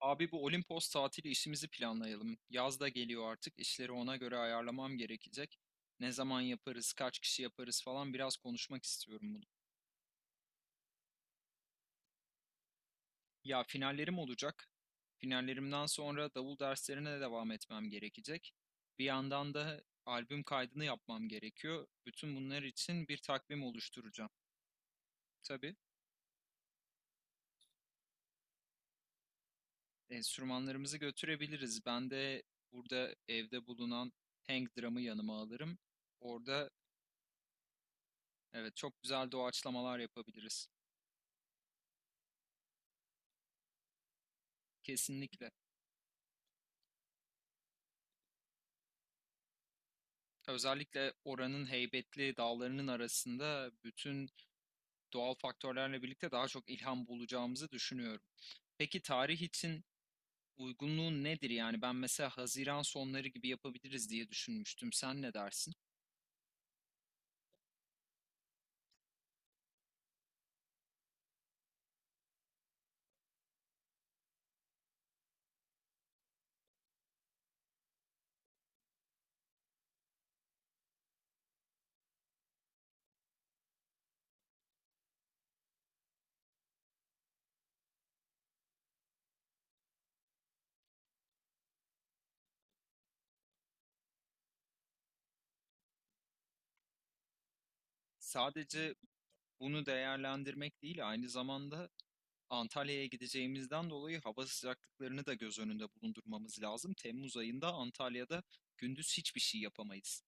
Abi bu Olimpos tatili işimizi planlayalım. Yaz da geliyor artık. İşleri ona göre ayarlamam gerekecek. Ne zaman yaparız, kaç kişi yaparız falan biraz konuşmak istiyorum bunu. Ya finallerim olacak. Finallerimden sonra davul derslerine de devam etmem gerekecek. Bir yandan da albüm kaydını yapmam gerekiyor. Bütün bunlar için bir takvim oluşturacağım. Tabii enstrümanlarımızı götürebiliriz. Ben de burada evde bulunan hang drum'ı yanıma alırım. Orada evet, çok güzel doğaçlamalar yapabiliriz. Kesinlikle. Özellikle oranın heybetli dağlarının arasında bütün doğal faktörlerle birlikte daha çok ilham bulacağımızı düşünüyorum. Peki tarih için uygunluğu nedir? Yani ben mesela Haziran sonları gibi yapabiliriz diye düşünmüştüm. Sen ne dersin? Sadece bunu değerlendirmek değil, aynı zamanda Antalya'ya gideceğimizden dolayı hava sıcaklıklarını da göz önünde bulundurmamız lazım. Temmuz ayında Antalya'da gündüz hiçbir şey yapamayız.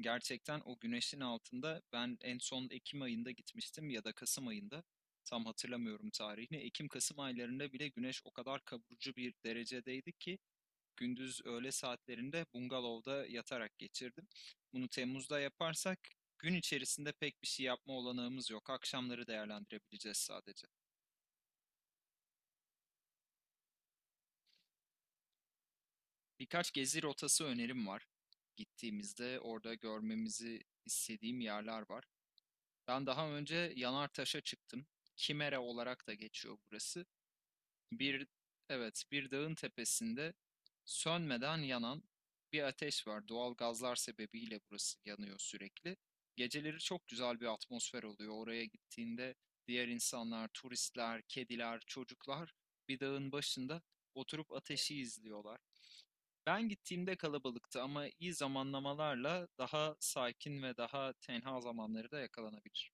Gerçekten o güneşin altında ben en son Ekim ayında gitmiştim ya da Kasım ayında tam hatırlamıyorum tarihini. Ekim-Kasım aylarında bile güneş o kadar kavurucu bir derecedeydi ki gündüz öğle saatlerinde bungalovda yatarak geçirdim. Bunu Temmuz'da yaparsak gün içerisinde pek bir şey yapma olanağımız yok. Akşamları değerlendirebileceğiz sadece. Birkaç gezi rotası önerim var. Gittiğimizde orada görmemizi istediğim yerler var. Ben daha önce Yanartaş'a çıktım. Kimera olarak da geçiyor burası. Bir, evet, bir dağın tepesinde sönmeden yanan bir ateş var. Doğal gazlar sebebiyle burası yanıyor sürekli. Geceleri çok güzel bir atmosfer oluyor. Oraya gittiğinde diğer insanlar, turistler, kediler, çocuklar bir dağın başında oturup ateşi izliyorlar. Ben gittiğimde kalabalıktı ama iyi zamanlamalarla daha sakin ve daha tenha zamanları da yakalanabilir.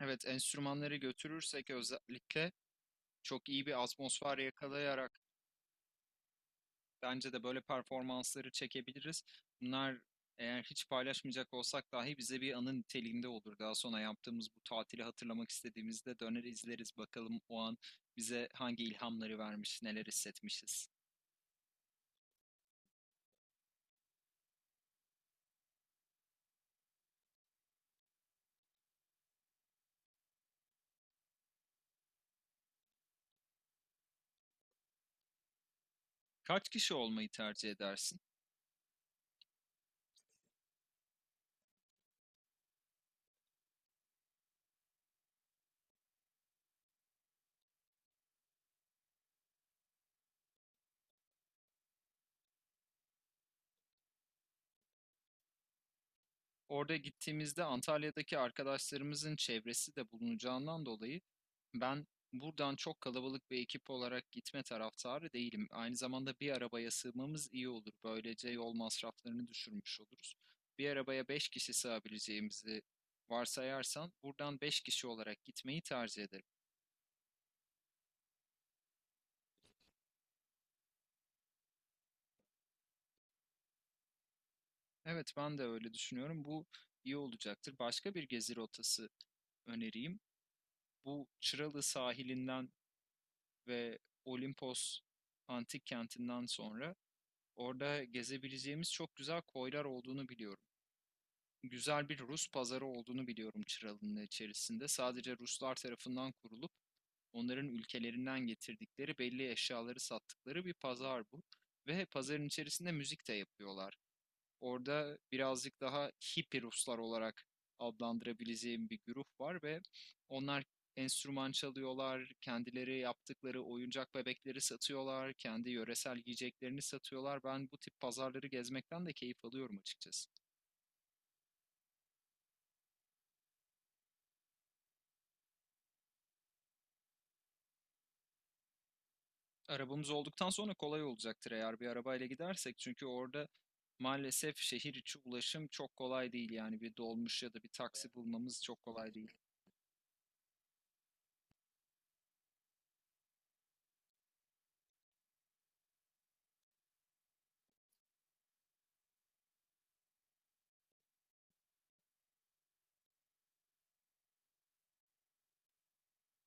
Evet, enstrümanları götürürsek özellikle çok iyi bir atmosfer yakalayarak bence de böyle performansları çekebiliriz. Bunlar eğer hiç paylaşmayacak olsak dahi bize bir anı niteliğinde olur. Daha sonra yaptığımız bu tatili hatırlamak istediğimizde döner izleriz bakalım o an bize hangi ilhamları vermiş, neler hissetmişiz. Kaç kişi olmayı tercih edersin? Orada gittiğimizde Antalya'daki arkadaşlarımızın çevresi de bulunacağından dolayı ben buradan çok kalabalık bir ekip olarak gitme taraftarı değilim. Aynı zamanda bir arabaya sığmamız iyi olur. Böylece yol masraflarını düşürmüş oluruz. Bir arabaya 5 kişi sığabileceğimizi varsayarsan buradan 5 kişi olarak gitmeyi tercih ederim. Evet, ben de öyle düşünüyorum. Bu iyi olacaktır. Başka bir gezi rotası önereyim. Bu Çıralı sahilinden ve Olimpos antik kentinden sonra orada gezebileceğimiz çok güzel koylar olduğunu biliyorum. Güzel bir Rus pazarı olduğunu biliyorum Çıralı'nın içerisinde. Sadece Ruslar tarafından kurulup onların ülkelerinden getirdikleri belli eşyaları sattıkları bir pazar bu. Ve pazarın içerisinde müzik de yapıyorlar. Orada birazcık daha hippie Ruslar olarak adlandırabileceğim bir grup var ve onlar enstrüman çalıyorlar, kendileri yaptıkları oyuncak bebekleri satıyorlar, kendi yöresel yiyeceklerini satıyorlar. Ben bu tip pazarları gezmekten de keyif alıyorum açıkçası. Arabamız olduktan sonra kolay olacaktır eğer bir arabayla gidersek, çünkü orada maalesef şehir içi ulaşım çok kolay değil, yani bir dolmuş ya da bir taksi bulmamız çok kolay değil.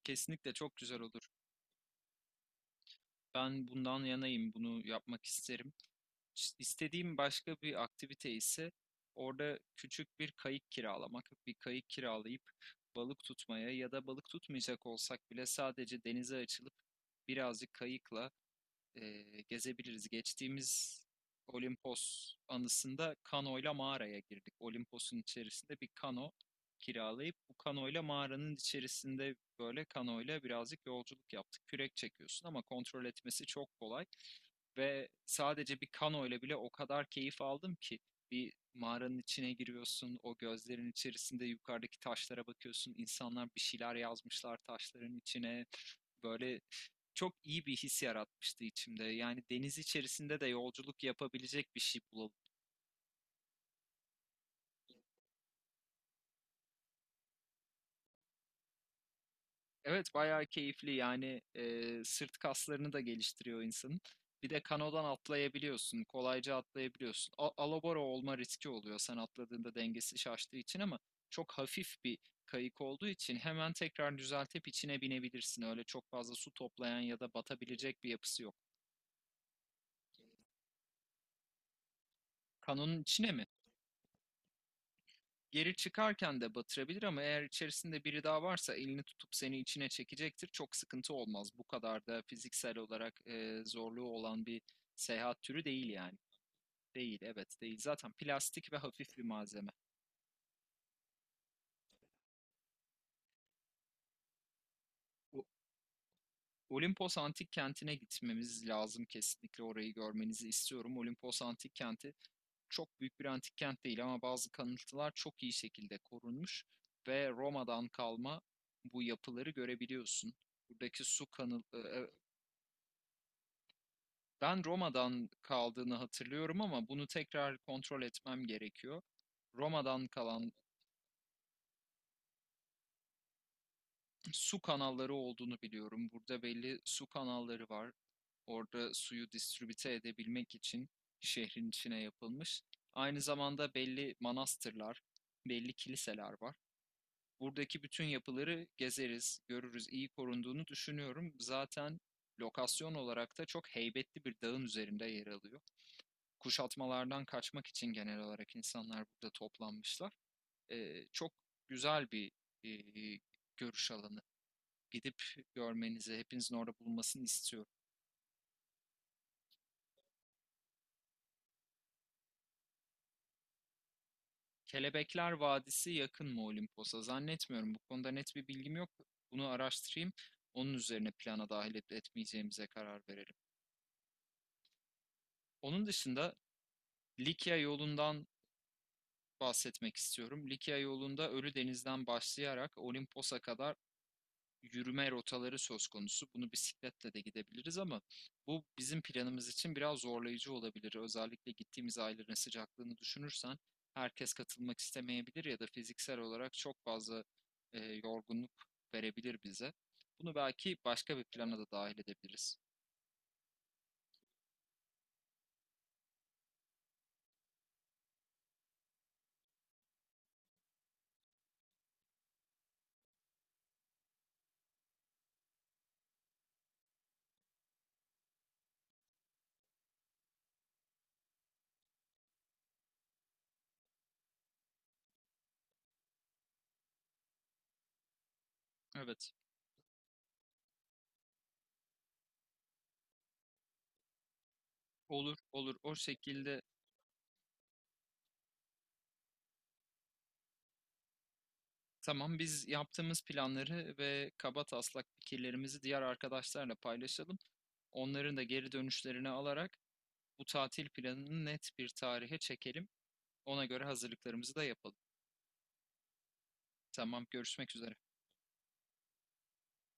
Kesinlikle çok güzel olur. Ben bundan yanayım, bunu yapmak isterim. İşte, İstediğim başka bir aktivite ise orada küçük bir kayık kiralamak, bir kayık kiralayıp balık tutmaya ya da balık tutmayacak olsak bile sadece denize açılıp birazcık kayıkla e, gezebiliriz. Geçtiğimiz Olimpos anısında kanoyla mağaraya girdik. Olimpos'un içerisinde bir kano kiralayıp bu kanoyla mağaranın içerisinde böyle kanoyla birazcık yolculuk yaptık. Kürek çekiyorsun ama kontrol etmesi çok kolay ve sadece bir kanoyla bile o kadar keyif aldım ki bir mağaranın içine giriyorsun, o gözlerin içerisinde yukarıdaki taşlara bakıyorsun, insanlar bir şeyler yazmışlar taşların içine, böyle çok iyi bir his yaratmıştı içimde. Yani deniz içerisinde de yolculuk yapabilecek bir şey bulalım. Evet, bayağı keyifli yani, sırt kaslarını da geliştiriyor insanın. Bir de kanodan atlayabiliyorsun, kolayca atlayabiliyorsun. Alabora olma riski oluyor sen atladığında dengesi şaştığı için ama çok hafif bir kayık olduğu için hemen tekrar düzeltip içine binebilirsin. Öyle çok fazla su toplayan ya da batabilecek bir yapısı yok. Kanonun içine mi? Geri çıkarken de batırabilir ama eğer içerisinde biri daha varsa elini tutup seni içine çekecektir. Çok sıkıntı olmaz. Bu kadar da fiziksel olarak zorluğu olan bir seyahat türü değil yani. Değil, evet değil. Zaten plastik ve hafif bir malzeme. O- Olimpos Antik Kenti'ne gitmemiz lazım, kesinlikle orayı görmenizi istiyorum. Olimpos Antik Kenti çok büyük bir antik kent değil ama bazı kalıntılar çok iyi şekilde korunmuş ve Roma'dan kalma bu yapıları görebiliyorsun. Buradaki su kanı, ben Roma'dan kaldığını hatırlıyorum ama bunu tekrar kontrol etmem gerekiyor. Roma'dan kalan su kanalları olduğunu biliyorum. Burada belli su kanalları var. Orada suyu distribüte edebilmek için şehrin içine yapılmış. Aynı zamanda belli manastırlar, belli kiliseler var. Buradaki bütün yapıları gezeriz, görürüz. İyi korunduğunu düşünüyorum. Zaten lokasyon olarak da çok heybetli bir dağın üzerinde yer alıyor. Kuşatmalardan kaçmak için genel olarak insanlar burada toplanmışlar. Çok güzel bir e, görüş alanı. Gidip görmenizi, hepinizin orada bulunmasını istiyorum. Kelebekler Vadisi yakın mı Olimpos'a? Zannetmiyorum. Bu konuda net bir bilgim yok. Bunu araştırayım. Onun üzerine plana dahil edip etmeyeceğimize karar verelim. Onun dışında Likya yolundan bahsetmek istiyorum. Likya yolunda Ölü Deniz'den başlayarak Olimpos'a kadar yürüme rotaları söz konusu. Bunu bisikletle de gidebiliriz ama bu bizim planımız için biraz zorlayıcı olabilir. Özellikle gittiğimiz ayların sıcaklığını düşünürsen herkes katılmak istemeyebilir ya da fiziksel olarak çok fazla yorgunluk verebilir bize. Bunu belki başka bir plana da dahil edebiliriz. Evet, olur, olur. O şekilde tamam, biz yaptığımız planları ve kaba taslak fikirlerimizi diğer arkadaşlarla paylaşalım. Onların da geri dönüşlerini alarak bu tatil planını net bir tarihe çekelim. Ona göre hazırlıklarımızı da yapalım. Tamam, görüşmek üzere.